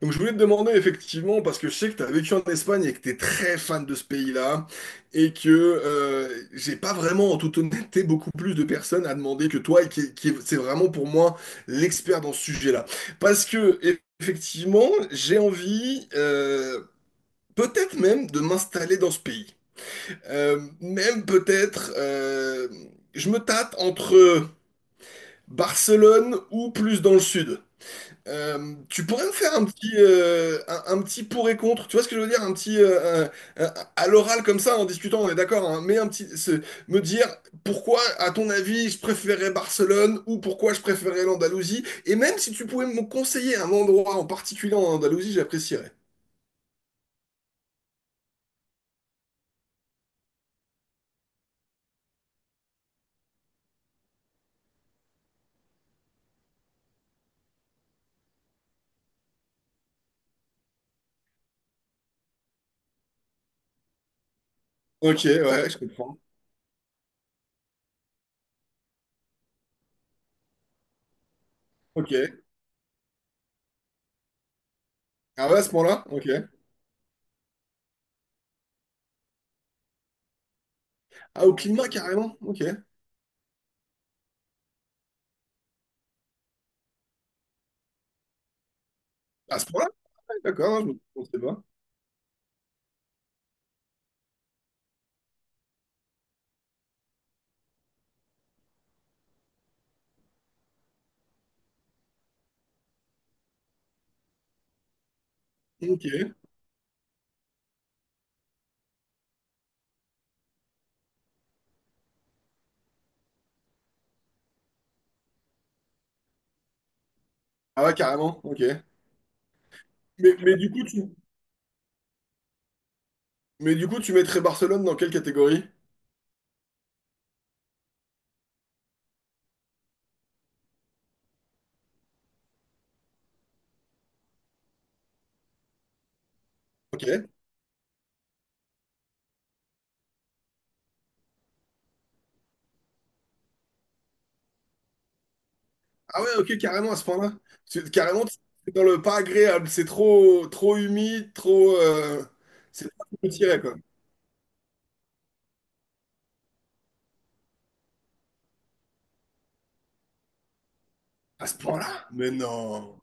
Donc je voulais te demander effectivement, parce que je sais que tu as vécu en Espagne et que tu es très fan de ce pays-là, et que j'ai pas vraiment, en toute honnêteté, beaucoup plus de personnes à demander que toi, c'est vraiment pour moi l'expert dans ce sujet-là. Parce que effectivement, j'ai envie, peut-être même, de m'installer dans ce pays. Même peut-être, je me tâte entre Barcelone ou plus dans le sud. Tu pourrais me faire un petit pour et contre, tu vois ce que je veux dire? Un petit, un- À l'oral comme ça, en discutant, on est d'accord, hein, me dire pourquoi, à ton avis, je préférais Barcelone ou pourquoi je préférais l'Andalousie, et même si tu pouvais me conseiller un endroit en particulier en Andalousie, j'apprécierais. Ok, ouais, je comprends. Ok. Ah ouais, à ce point-là? Ok. Ah, au climat, carrément? Ok. À ce point-là? Ouais, d'accord, hein, je ne pensais pas. Ok. Ah ouais, carrément? Ok. Mais, mais du coup, tu, Mais du coup, tu mettrais Barcelone dans quelle catégorie? Ok. Ah ouais, ok, carrément à ce point-là. Carrément, c'est dans le pas agréable. C'est trop, trop humide, trop. C'est pas ce que je dirais, quoi. À ce point-là? Mais non.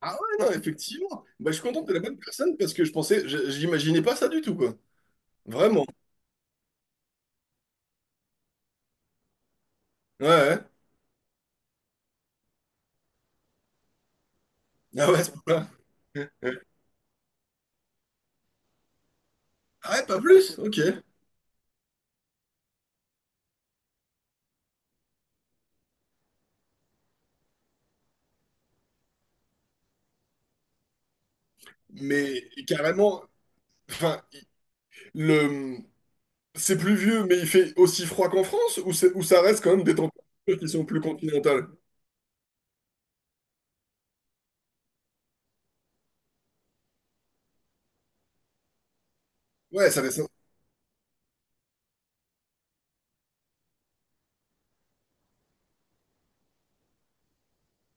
Ah ouais, non, effectivement. Bah, je suis content de la bonne personne parce que je pensais, j'imaginais pas ça du tout, quoi. Vraiment. Ouais, ouais. Ah ouais, à ce point-là. Ah ouais, pas plus? Ok. Mais carrément, enfin, le, c'est plus vieux, mais il fait aussi froid qu'en France ou, ou ça reste quand même des températures qui sont plus continentales? Ouais, ça descend.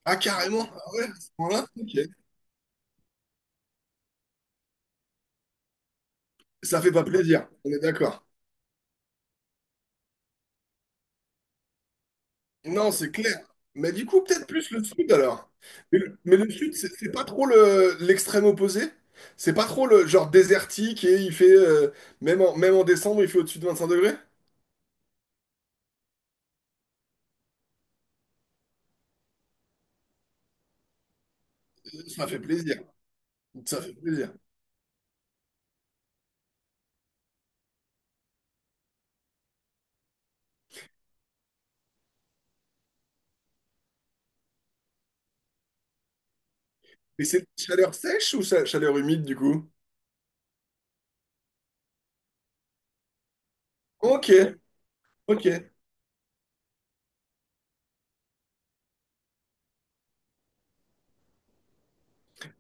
Ah, carrément? Ah ouais, à ce moment-là? Ok. Ça fait pas plaisir, on est d'accord. Non, c'est clair. Mais du coup, peut-être plus le sud alors. Mais le sud, c'est pas trop l'extrême opposé? C'est pas trop le genre désertique et il fait, même en décembre, il fait au-dessus de 25 degrés? Ça fait plaisir. Ça fait plaisir. Et c'est chaleur sèche ou chaleur humide du coup? Ok, ok.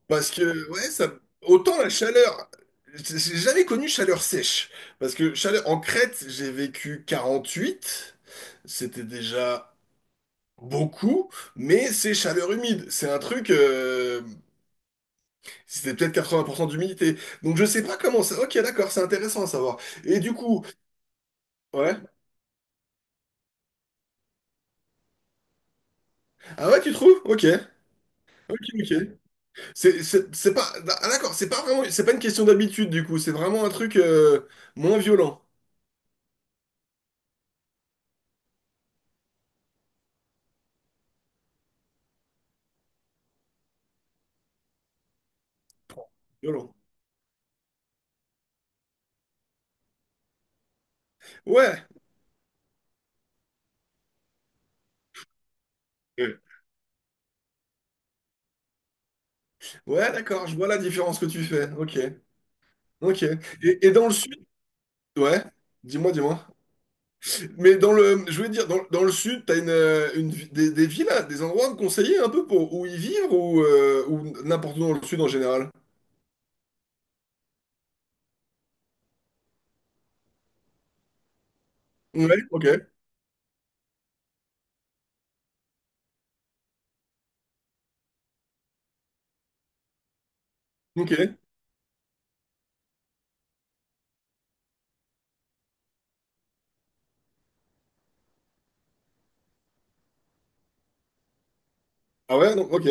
Parce que, ouais, ça. Autant la chaleur, j'ai jamais connu chaleur sèche. Parce que chaleur en Crète, j'ai vécu 48, c'était déjà beaucoup, mais c'est chaleur humide. C'est un truc, c'était peut-être 80% d'humidité. Donc je sais pas comment ça. Ok, d'accord, c'est intéressant à savoir. Et du coup, ouais. Ah ouais, tu trouves? Ok. Ok, ok. C'est pas. Ah d'accord, c'est pas vraiment. C'est pas une question d'habitude du coup, c'est vraiment un truc moins violent. Violent. Ouais. Ouais, d'accord, je vois la différence que tu fais. Ok, ok. Et dans le sud, ouais, dis-moi, dis-moi. Mais je voulais dire, dans le sud, t'as des villes, des endroits à me conseiller un peu pour où y vivre ou n'importe où dans le sud en général. Ouais, ok, ok. Ah ouais, donc, ok.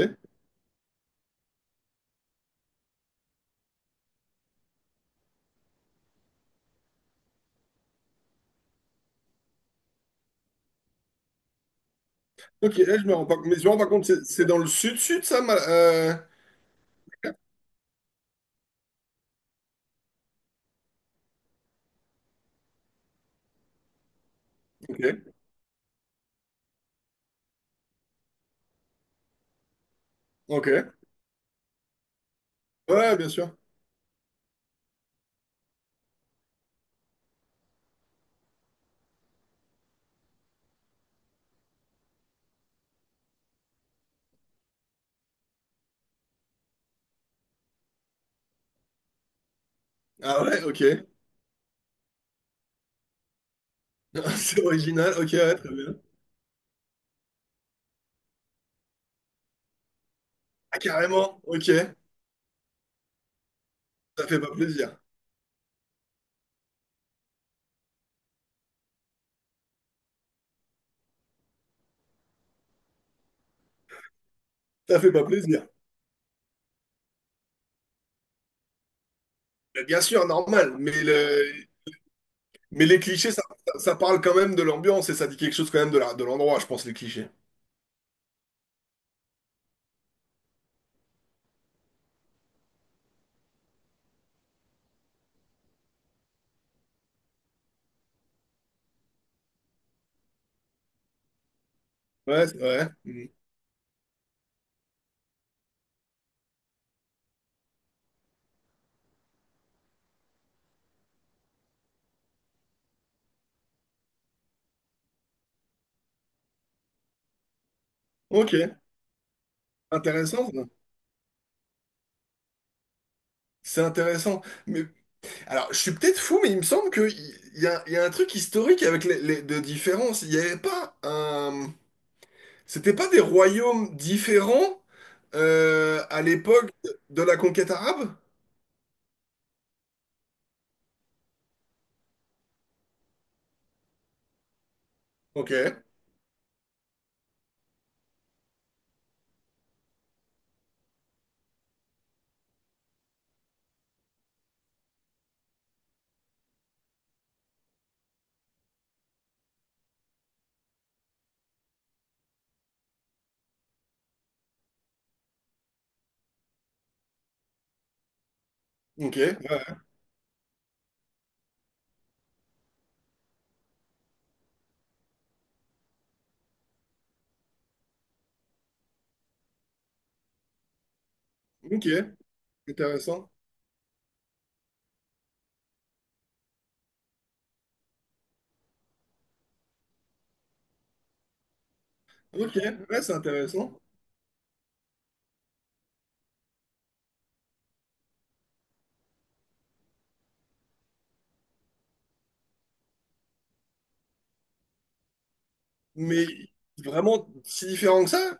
Ok, eh, je me rends pas, mais je me rends pas compte, c'est dans le sud-sud, ça. Ok, ok. Ouais, bien sûr. Ah ouais, ok. C'est original, ok, ouais, très bien. Ah, carrément, ok. Ça fait pas plaisir. Ça fait pas plaisir. Bien sûr, normal, mais les clichés, ça parle quand même de l'ambiance et ça dit quelque chose quand même de de l'endroit, je pense, les clichés. Ouais, ouais. Mm. Ok, intéressant, ça. C'est intéressant. Mais alors, je suis peut-être fou, mais il me semble qu'il y a un truc historique avec les de différence. Il n'y avait pas un. C'était pas des royaumes différents à l'époque de la conquête arabe? Ok, ok, ok, intéressant. Ok, ouais, c'est intéressant. Mais vraiment si différent que ça?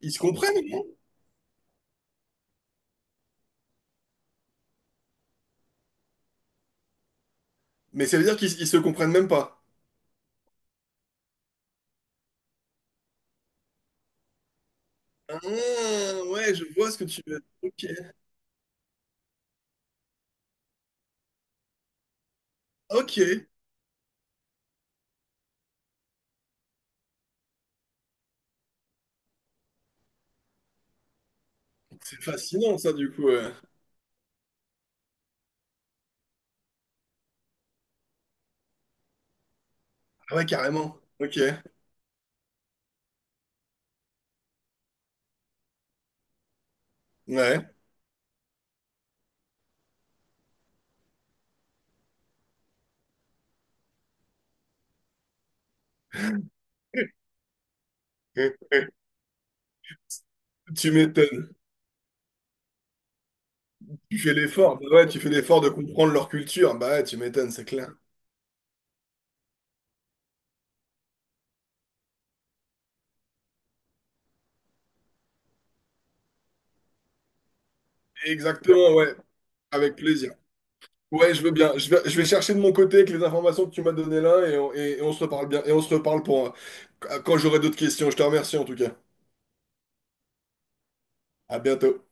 Ils se comprennent, non? Mais ça veut dire qu'ils se comprennent même pas. Ah, ouais, je vois ce que tu veux. Ok, ok. C'est fascinant ça du coup. Ah ouais, carrément. Ok, ouais. Tu m'étonnes. Tu fais l'effort. Bah ouais, tu fais l'effort de comprendre leur culture. Bah ouais, tu m'étonnes, c'est clair. Exactement, ouais. Avec plaisir. Ouais, je veux bien. Je vais chercher de mon côté avec les informations que tu m'as données là et on se reparle bien. Et on se reparle pour quand j'aurai d'autres questions. Je te remercie en tout cas. À bientôt.